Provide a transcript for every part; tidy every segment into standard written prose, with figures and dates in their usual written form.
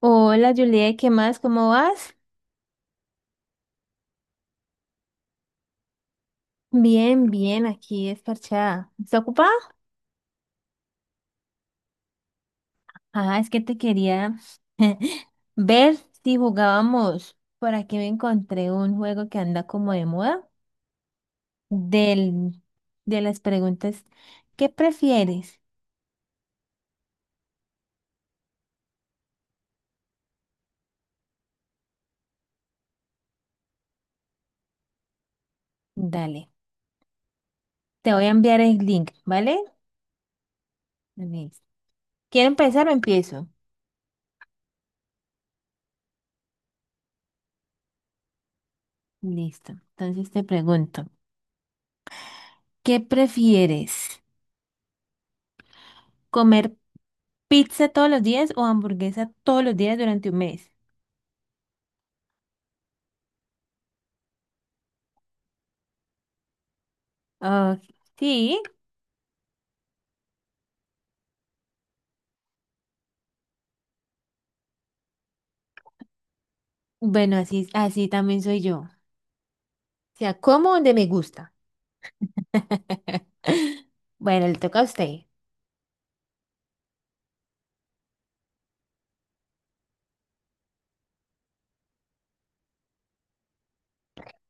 Hola Juliet, ¿qué más? ¿Cómo vas? Bien, bien, aquí es parchada. ¿Está ocupada? Ah, es que te quería ver si jugábamos. Por aquí me encontré un juego que anda como de moda del, de las preguntas. ¿Qué prefieres? Dale, te voy a enviar el link, ¿vale? Listo. ¿Quiero empezar o empiezo? Listo. Entonces te pregunto, ¿qué prefieres? Comer pizza todos los días o hamburguesa todos los días durante un mes. Ah, sí, bueno, así, así también soy yo. O sea, como donde me gusta. Bueno, le toca a usted.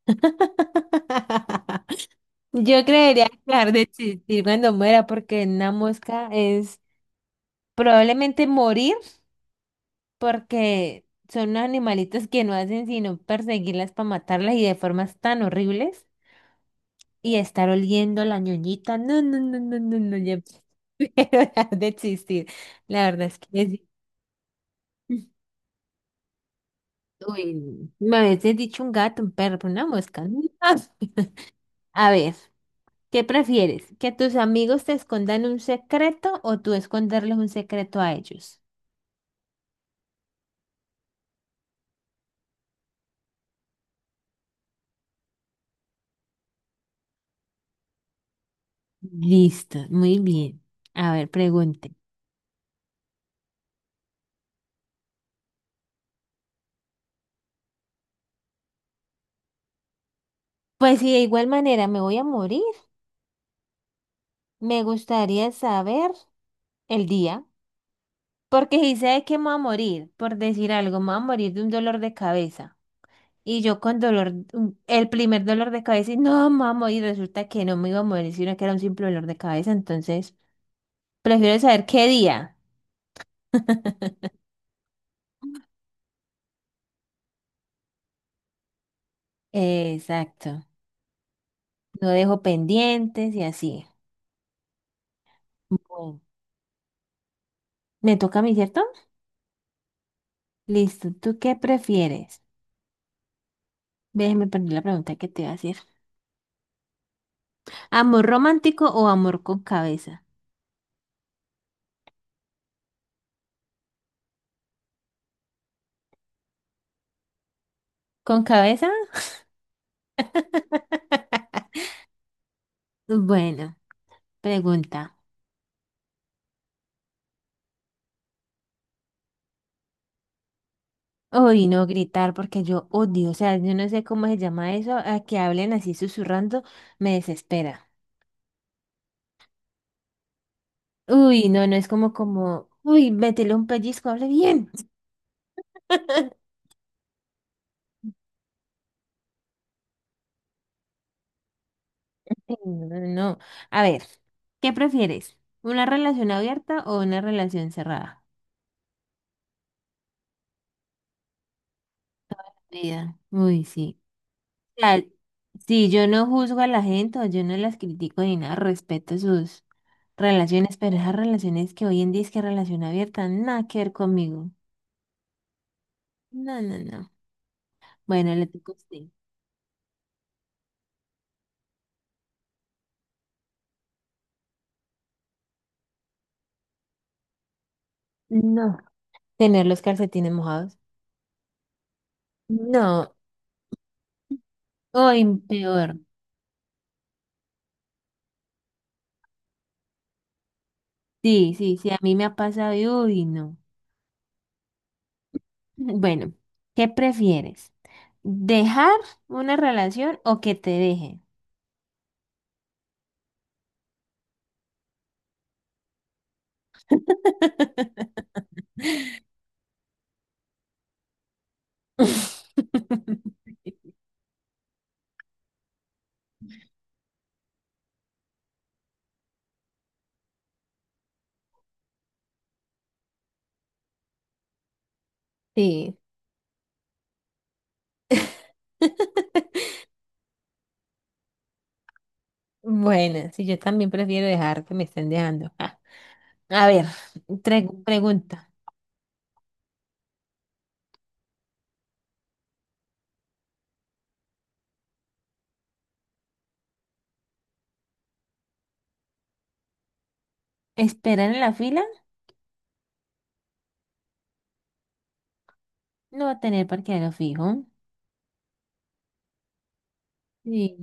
Yo creería dejar de existir cuando muera porque una mosca es probablemente morir porque son unos animalitos que no hacen sino perseguirlas para matarlas y de formas tan horribles. Y estar oliendo la ñoñita. No, no, no, no, no, no, ya prefiero dejar de existir. La verdad es que sí. Uy, me habéis dicho un gato, un perro, pero una mosca. ¿No? A ver, ¿qué prefieres? ¿Que tus amigos te escondan un secreto o tú esconderles un secreto a ellos? Listo, muy bien. A ver, pregunte. Pues si de igual manera me voy a morir, me gustaría saber el día. Porque si sé de qué me voy a morir, por decir algo, me voy a morir de un dolor de cabeza. Y yo con dolor, el primer dolor de cabeza, y no, me voy a morir, resulta que no me iba a morir, sino que era un simple dolor de cabeza. Entonces, prefiero saber qué día. Exacto. No dejo pendientes y así. Bueno, me toca a mí, ¿cierto? Listo. ¿Tú qué prefieres? Déjeme poner la pregunta que te iba a hacer. ¿Amor romántico o amor con cabeza? ¿Con cabeza? Bueno, pregunta. Uy, no gritar porque yo odio, o sea, yo no sé cómo se llama eso, a que hablen así susurrando, me desespera. Uy, no, no es como, uy, métele un pellizco, hable bien. Sí, no, no, no. A ver, ¿qué prefieres? ¿Una relación abierta o una relación cerrada? Vida. Uy, sí. O sea, sí, yo no juzgo a la gente o yo no las critico ni nada, respeto sus relaciones, pero esas relaciones que hoy en día es que relación abierta, nada que ver conmigo. No, no, no. Bueno, le tocó a usted. No. Tener los calcetines mojados. No. Hoy peor. Sí, sí, sí, a mí me ha pasado y uy, no. Bueno, ¿qué prefieres? ¿Dejar una relación o que te dejen? Sí. Bueno, sí, yo también prefiero dejar que me estén dejando. Ah, a ver, pregunta. ¿Esperar en la fila? No tener parqueadero fijo. Sí,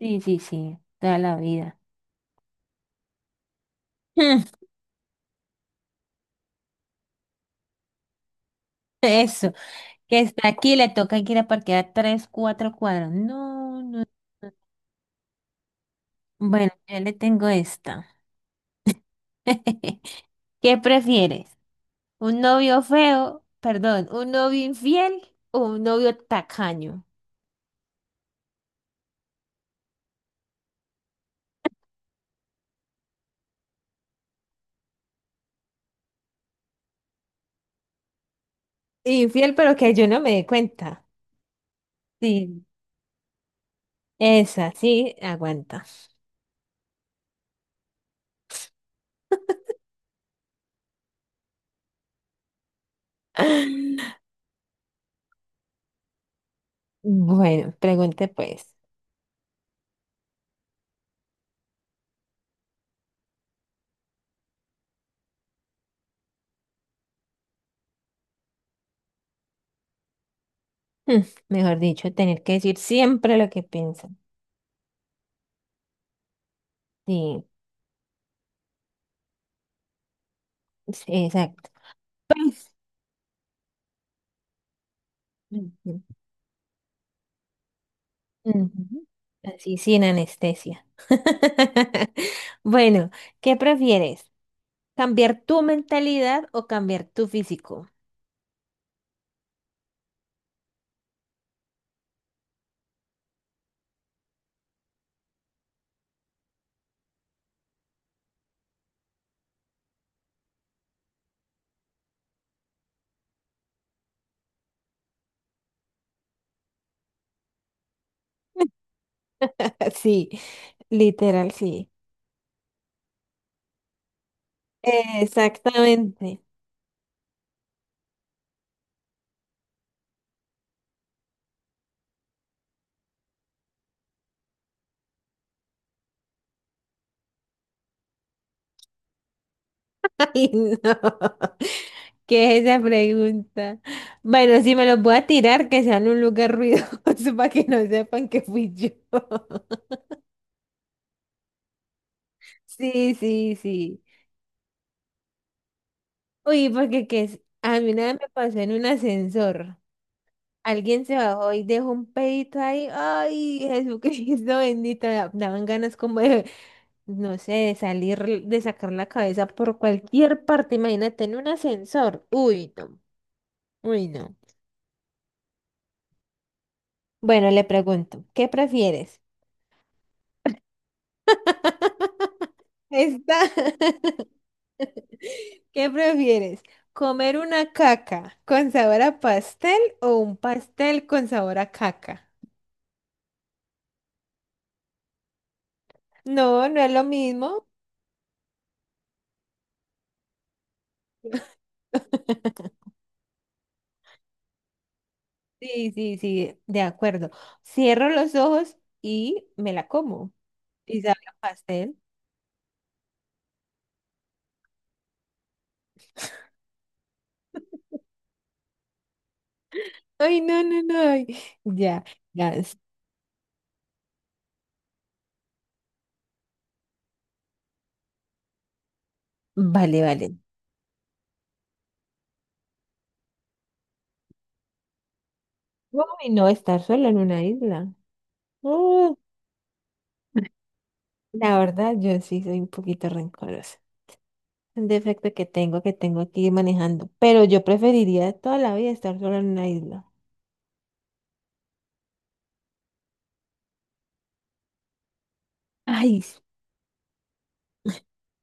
sí, sí, sí, toda la vida. Eso. Que está aquí, le toca que ir a parquear tres, cuatro cuadros. No, no, no. Bueno, yo le tengo esta. ¿Qué prefieres? ¿Un novio feo? Perdón, ¿un novio infiel o un novio tacaño? Infiel, pero que yo no me dé cuenta. Sí, esa, sí, aguanta. Bueno, pregunte pues. Hmm, Mejor dicho, tener que decir siempre lo que piensan. Sí, sí, exacto. Ujú. Así, sin anestesia. Bueno, ¿qué prefieres? ¿Cambiar tu mentalidad o cambiar tu físico? Sí, literal, sí. Exactamente. Ay, no. ¿Qué es esa pregunta? Bueno, si me los voy a tirar, que sea en un lugar ruidoso para que no sepan que fui yo. Sí, sí, sí. Uy, porque a mí nada me pasó en un ascensor. Alguien se bajó y dejó un pedito ahí. Ay, Jesucristo bendito. Daban ganas como de, no sé, de salir, de sacar la cabeza por cualquier parte. Imagínate en un ascensor. Uy, no. Uy, no. Bueno, le pregunto, ¿qué prefieres? Está. ¿Qué prefieres? ¿Comer una caca con sabor a pastel o un pastel con sabor a caca? No, no es lo mismo. Sí, sí, sí, de acuerdo. Cierro los ojos y me la como. Y sabe a pastel. Ay, no, no, no, ay, ya, ya. Vale, vale. Uy, no, estar sola en una isla. Uh, la verdad, yo sí soy un poquito rencorosa. Un defecto que tengo, que tengo que ir manejando. Pero yo preferiría toda la vida estar sola en una isla. Ay,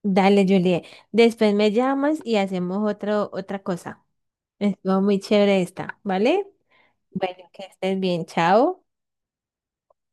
dale, Juliet. Después me llamas y hacemos otro, otra cosa. Estuvo muy chévere esta, ¿vale? Bueno, que estés bien, chao.